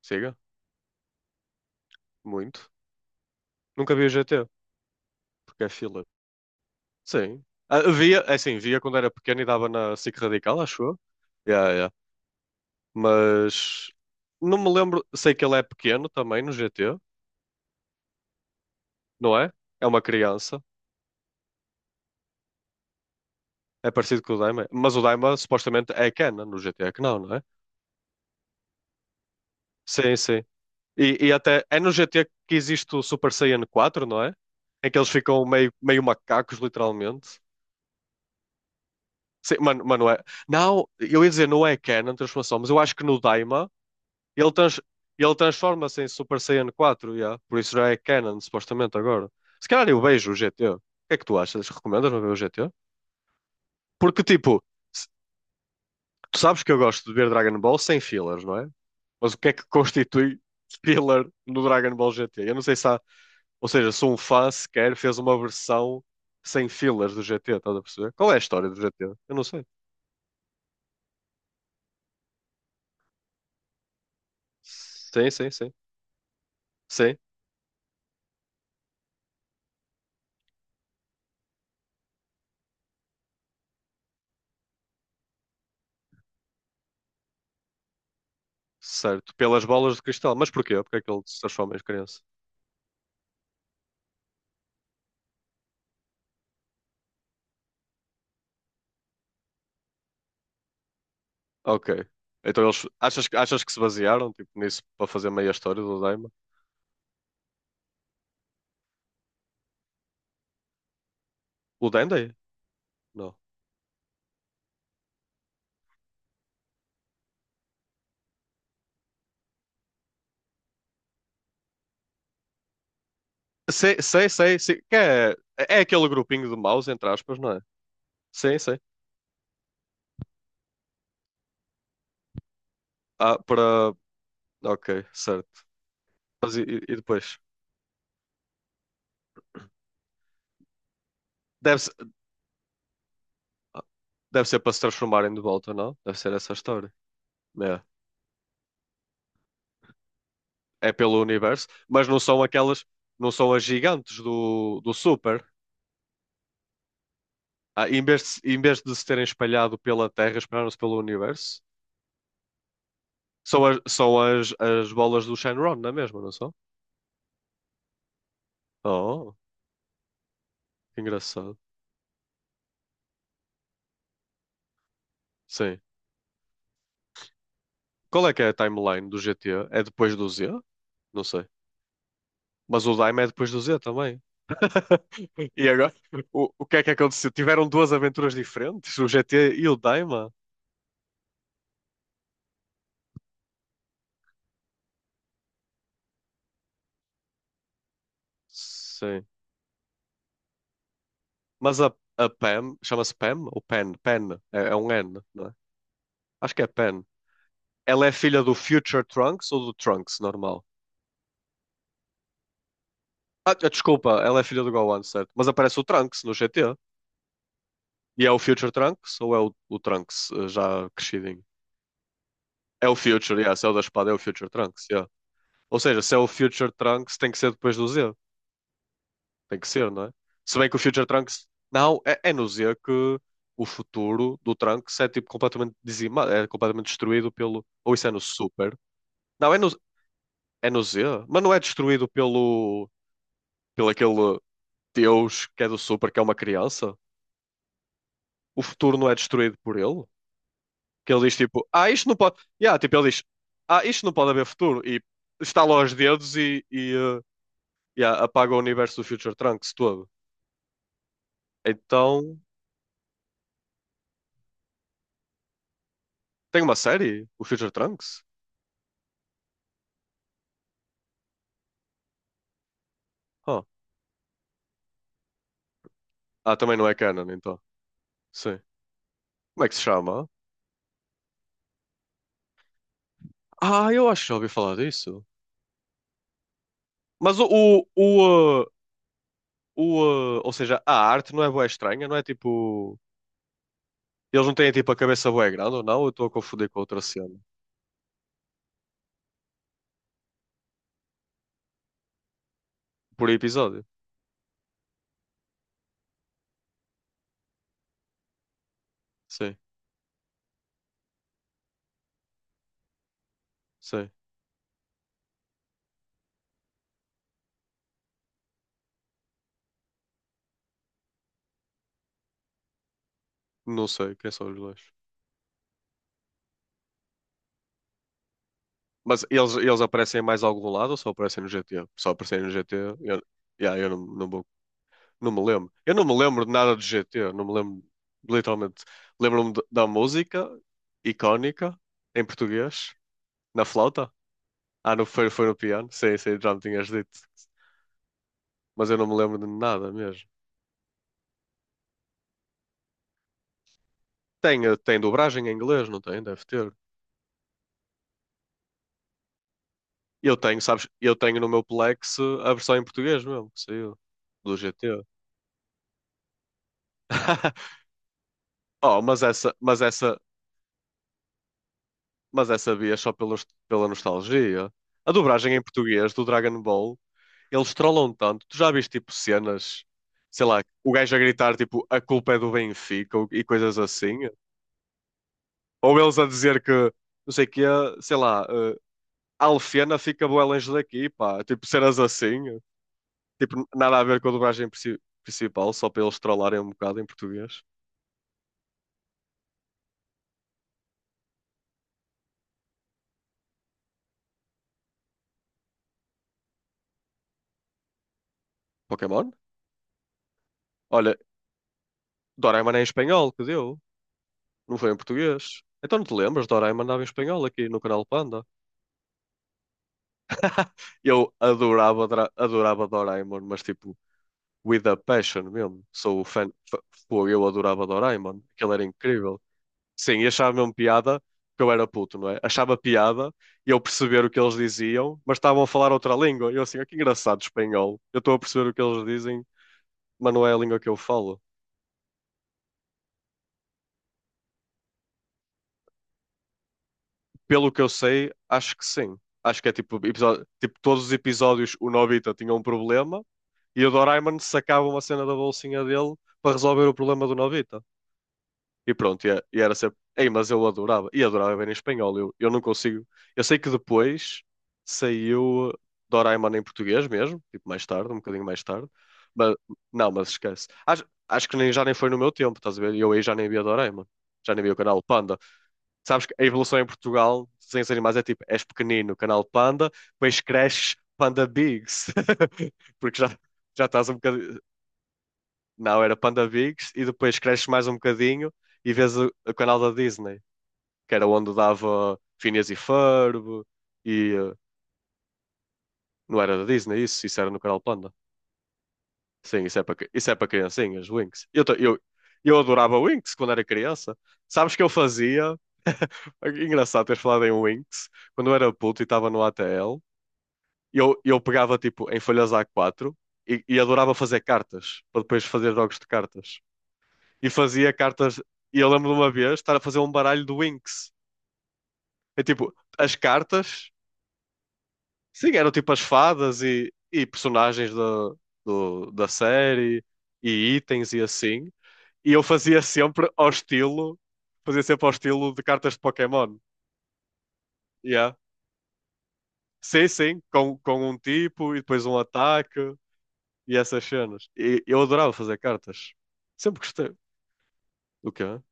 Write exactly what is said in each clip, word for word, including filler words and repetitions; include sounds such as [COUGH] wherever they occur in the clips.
Siga, muito. Nunca vi o G T, porque é filler. Sim. Ah, via, é assim, via quando era pequeno e dava na SIC Radical, acho eu. Yeah, yeah. Mas não me lembro. Sei que ele é pequeno também no G T, não é? É uma criança. É parecido com o Daima. Mas o Daima supostamente é Kena no G T, é que não, não é? Sim, sim. E, e até é no G T que existe o Super Saiyan Quatro, não é? Em que eles ficam meio, meio macacos, literalmente. Sim, mano, mano, é. Não, eu ia dizer, não é Kena a transformação, mas eu acho que no Daima ele, trans- ele transforma-se em Super Saiyan quatro, yeah. Por isso já é canon, supostamente, agora. Se calhar eu vejo o G T. O que é que tu achas? Recomendas-me ver o G T? Porque, tipo, se- tu sabes que eu gosto de ver Dragon Ball sem fillers, não é? Mas o que é que constitui [LAUGHS] filler no Dragon Ball G T? Eu não sei se há... Ou seja, se um fã sequer fez uma versão sem fillers do G T, estás a perceber? Qual é a história do G T? Eu não sei. Sim, sim, sim. Sim, certo. Pelas bolas de cristal. Mas porquê? Porque é que ele se transforma em criança? Ok. Então eles achas, que- achas que se basearam tipo, nisso para fazer meia história do Daima? O Dende? Não. Sei, sei, sei, sei. Que é, é aquele grupinho de maus, entre aspas, não é? Sim, sim. Ah, para. Ok, certo. Mas e, e- e depois? Deve, se- deve ser para se transformarem de volta, não? Deve ser essa a história. É, é pelo universo, mas não são aquelas, não são as gigantes do, do Super. Ah, em vez de, se- em vez de se terem espalhado pela Terra, espalharam-se pelo universo. São as, são as, as bolas do Shenron, não é mesmo, não são? Oh, que engraçado. Sim. Qual é que é a timeline do G T A? É depois do Z? Não sei. Mas o Dime é depois do Z também. E agora, o, o que é que aconteceu? Tiveram duas aventuras diferentes, o G T e o Daima? Sim. Mas a, a Pam, chama-se Pam? Ou Pen? Pen. É, é um N, não é? Acho que é Pen. Ela é filha do Future Trunks ou do Trunks normal? Ah, desculpa, ela é filha do Gohan, certo? Mas aparece o Trunks no G T. E é o Future Trunks ou é o, o Trunks eh, já crescidinho? É o Future, yeah, se é o da espada, é o Future Trunks, yeah. Ou seja, se é o Future Trunks, tem que ser depois do Z. Tem que ser, não é? Se bem que o Future Trunks. Não, é, é no Z que o futuro do Trunks é tipo completamente dizimado, é completamente destruído pelo. Ou isso é no Super? Não, é no, é no Z, mas não é destruído pelo. pelo aquele Deus que é do Super, que é uma criança? O futuro não é destruído por ele? Que ele diz tipo, ah, isto não pode. Yeah, tipo, ele diz, ah, isto não pode haver futuro. E estala os dedos e, e eh, yeah, apaga o universo do Future Trunks todo. Então, tem uma série? O Future Trunks? Oh. Ah, também não é canon, então. Sim. Como é que se chama? Ah, eu acho que já ouvi falar disso. Mas o, o, o, eh, o, eh, ou seja, a arte não é bué estranha, não é tipo. Eles não têm tipo a cabeça bué grande ou não? Eu estou a confundir com outra cena. Por episódio. Sim, sim. Não sei quem são os dois. Mas eles, eles aparecem em mais algum lado ou só aparecem no G T? Só aparecem no G T. Eu, yeah, eu não, não, vou- não me lembro. Eu não me lembro de nada de G T. Não me lembro, literalmente. Lembro-me de- da música icónica em português, na flauta. Ah, no, foi, foi no piano. Sim, sim, já me tinhas dito. Mas eu não me lembro de nada mesmo. Tem, eh, tem dobragem em inglês, não tem? Deve ter. Eu tenho, sabes? Eu tenho no meu Plex eh, a versão em português mesmo, que saiu do G T. [LAUGHS] Oh, mas essa, mas essa, Mas essa via é só pelos, pela nostalgia. A dublagem em português do Dragon Ball, eles trollam tanto. Tu já viste tipo cenas, sei lá, o gajo a gritar tipo a culpa é do Benfica ou- e coisas assim? Ou eles a dizer que, não sei o quê, sei lá, eh, a Alfena fica bué longe daqui, pá. Tipo cenas assim. Tipo, nada a ver com a dublagem princi- principal, só para eles trollarem um bocado em português. Pokémon? Olha, Doraemon é em espanhol que deu, não foi em português. Então não te lembras, Doraemon andava em espanhol aqui no canal Panda. Eu adorava, Dra- adorava Doraemon, mas tipo, with a passion mesmo. Sou o fã, fã- Pô, eu adorava Doraemon, aquilo era incrível. Sim, e achava mesmo piada, porque eu era puto, não é? Achava piada e eu perceber o que eles diziam, mas estavam a falar outra língua. E eu assim, "Ah, que engraçado espanhol. Eu estou a perceber o que eles dizem, mas não é a língua que eu falo." Pelo que eu sei, acho que sim. Acho que é tipo, episódio, tipo todos os episódios o Nobita tinha um problema e o Doraemon sacava uma cena da bolsinha dele para resolver o problema do Nobita. E pronto, e, é- e era sempre. Ei, mas eu adorava. E adorava ver em espanhol. Eu, eu não consigo. Eu sei que depois saiu Doraemon em português mesmo, tipo mais tarde, um bocadinho mais tarde. Mas não, mas esquece. Acho, acho que nem, já nem foi no meu tempo, estás a ver? Eu aí já nem via Doraemon. Já nem via o canal Panda. Sabes que a evolução em Portugal, desenhos animais, é tipo: és pequenino, canal Panda, depois cresces, Panda Bigs. [LAUGHS] Porque já, já estás um bocadinho. Não, era PandaVigs e depois cresces mais um bocadinho e vês o, o canal da Disney, que era onde dava Phineas e Ferb e eh, não era da Disney isso, isso era no canal Panda. Sim, isso é para cri- isso é para criancinhas, Winx. Eu, ta- eu, eu adorava Winx quando era criança. Sabes que eu fazia? [LAUGHS] Engraçado teres falado em Winx. Quando eu era puto e estava no A T L, eu, eu pegava tipo em folhas A quatro e, e adorava fazer cartas, para depois fazer jogos de cartas. E fazia cartas. E eu lembro de uma vez estar a fazer um baralho do Winx. É tipo, as cartas, sim, eram tipo as fadas e, e personagens da, do- da série e itens e assim. E eu fazia sempre ao estilo, fazia sempre ao estilo de cartas de Pokémon. Yeah. Sim, sim, com, com um tipo e depois um ataque e essas cenas. E eu adorava fazer cartas. Sempre gostei. O quê?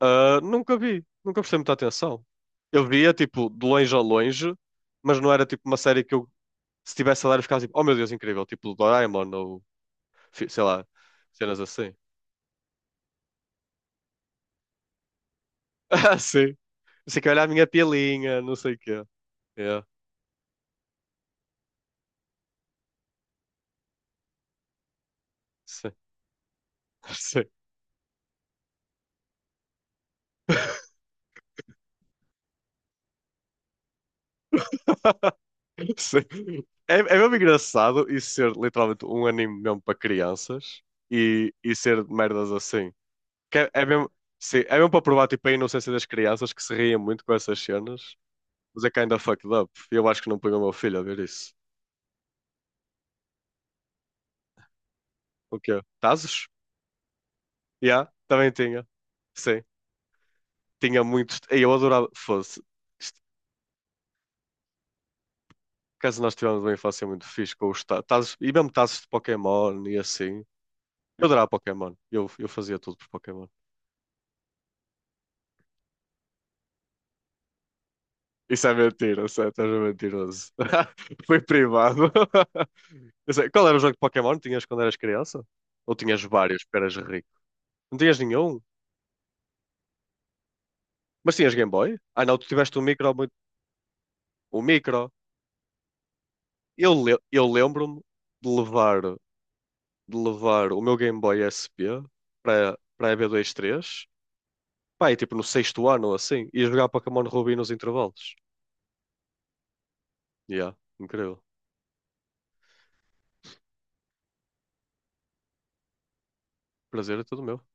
Ah, nunca vi, nunca prestei muita atenção. Eu via, tipo, de longe a longe, mas não era, tipo, uma série que eu, se estivesse a dar, eu ficava tipo, oh meu Deus, incrível, tipo, Doraemon ou, fi- sei lá, cenas assim. [LAUGHS] Ah, sim. Não sei que olha a minha pilinha, não sei o quê. Yeah, sim, [LAUGHS] sim. [LAUGHS] Sim. É, é mesmo engraçado isso ser literalmente um anime mesmo para crianças e, e ser merdas assim. Que é, é mesmo, sim, é mesmo para provar tipo, a inocência das crianças que se riem muito com essas cenas. Mas é kinda fucked up. E Eu acho que não ponho o meu filho a ver isso. O quê? Tazos? Yeah, também tinha. Sim, tinha muitos. Ei, Eu adorava. Fosse. Isto- Caso nós tivemos uma infância muito fixe com os ta- tazos. E mesmo tazos de Pokémon e assim. Eu adorava Pokémon. Eu, eu fazia tudo por Pokémon. Isso é mentira, sério, estás a mentiroso. [LAUGHS] Foi privado. [LAUGHS] Eu sei, Qual era o jogo de Pokémon que tinhas quando eras criança? Ou tinhas vários, porque eras rico? Não tinhas nenhum? Mas tinhas Game Boy? Ah, não, tu tiveste um micro muito. O micro. Eu, le- eu lembro-me de levar, de levar o meu Game Boy S P para para a E B dois três, pá, e tipo no sexto ano ou assim, e jogar Pokémon Ruby nos intervalos. Yeah, incrível. Prazer é todo meu.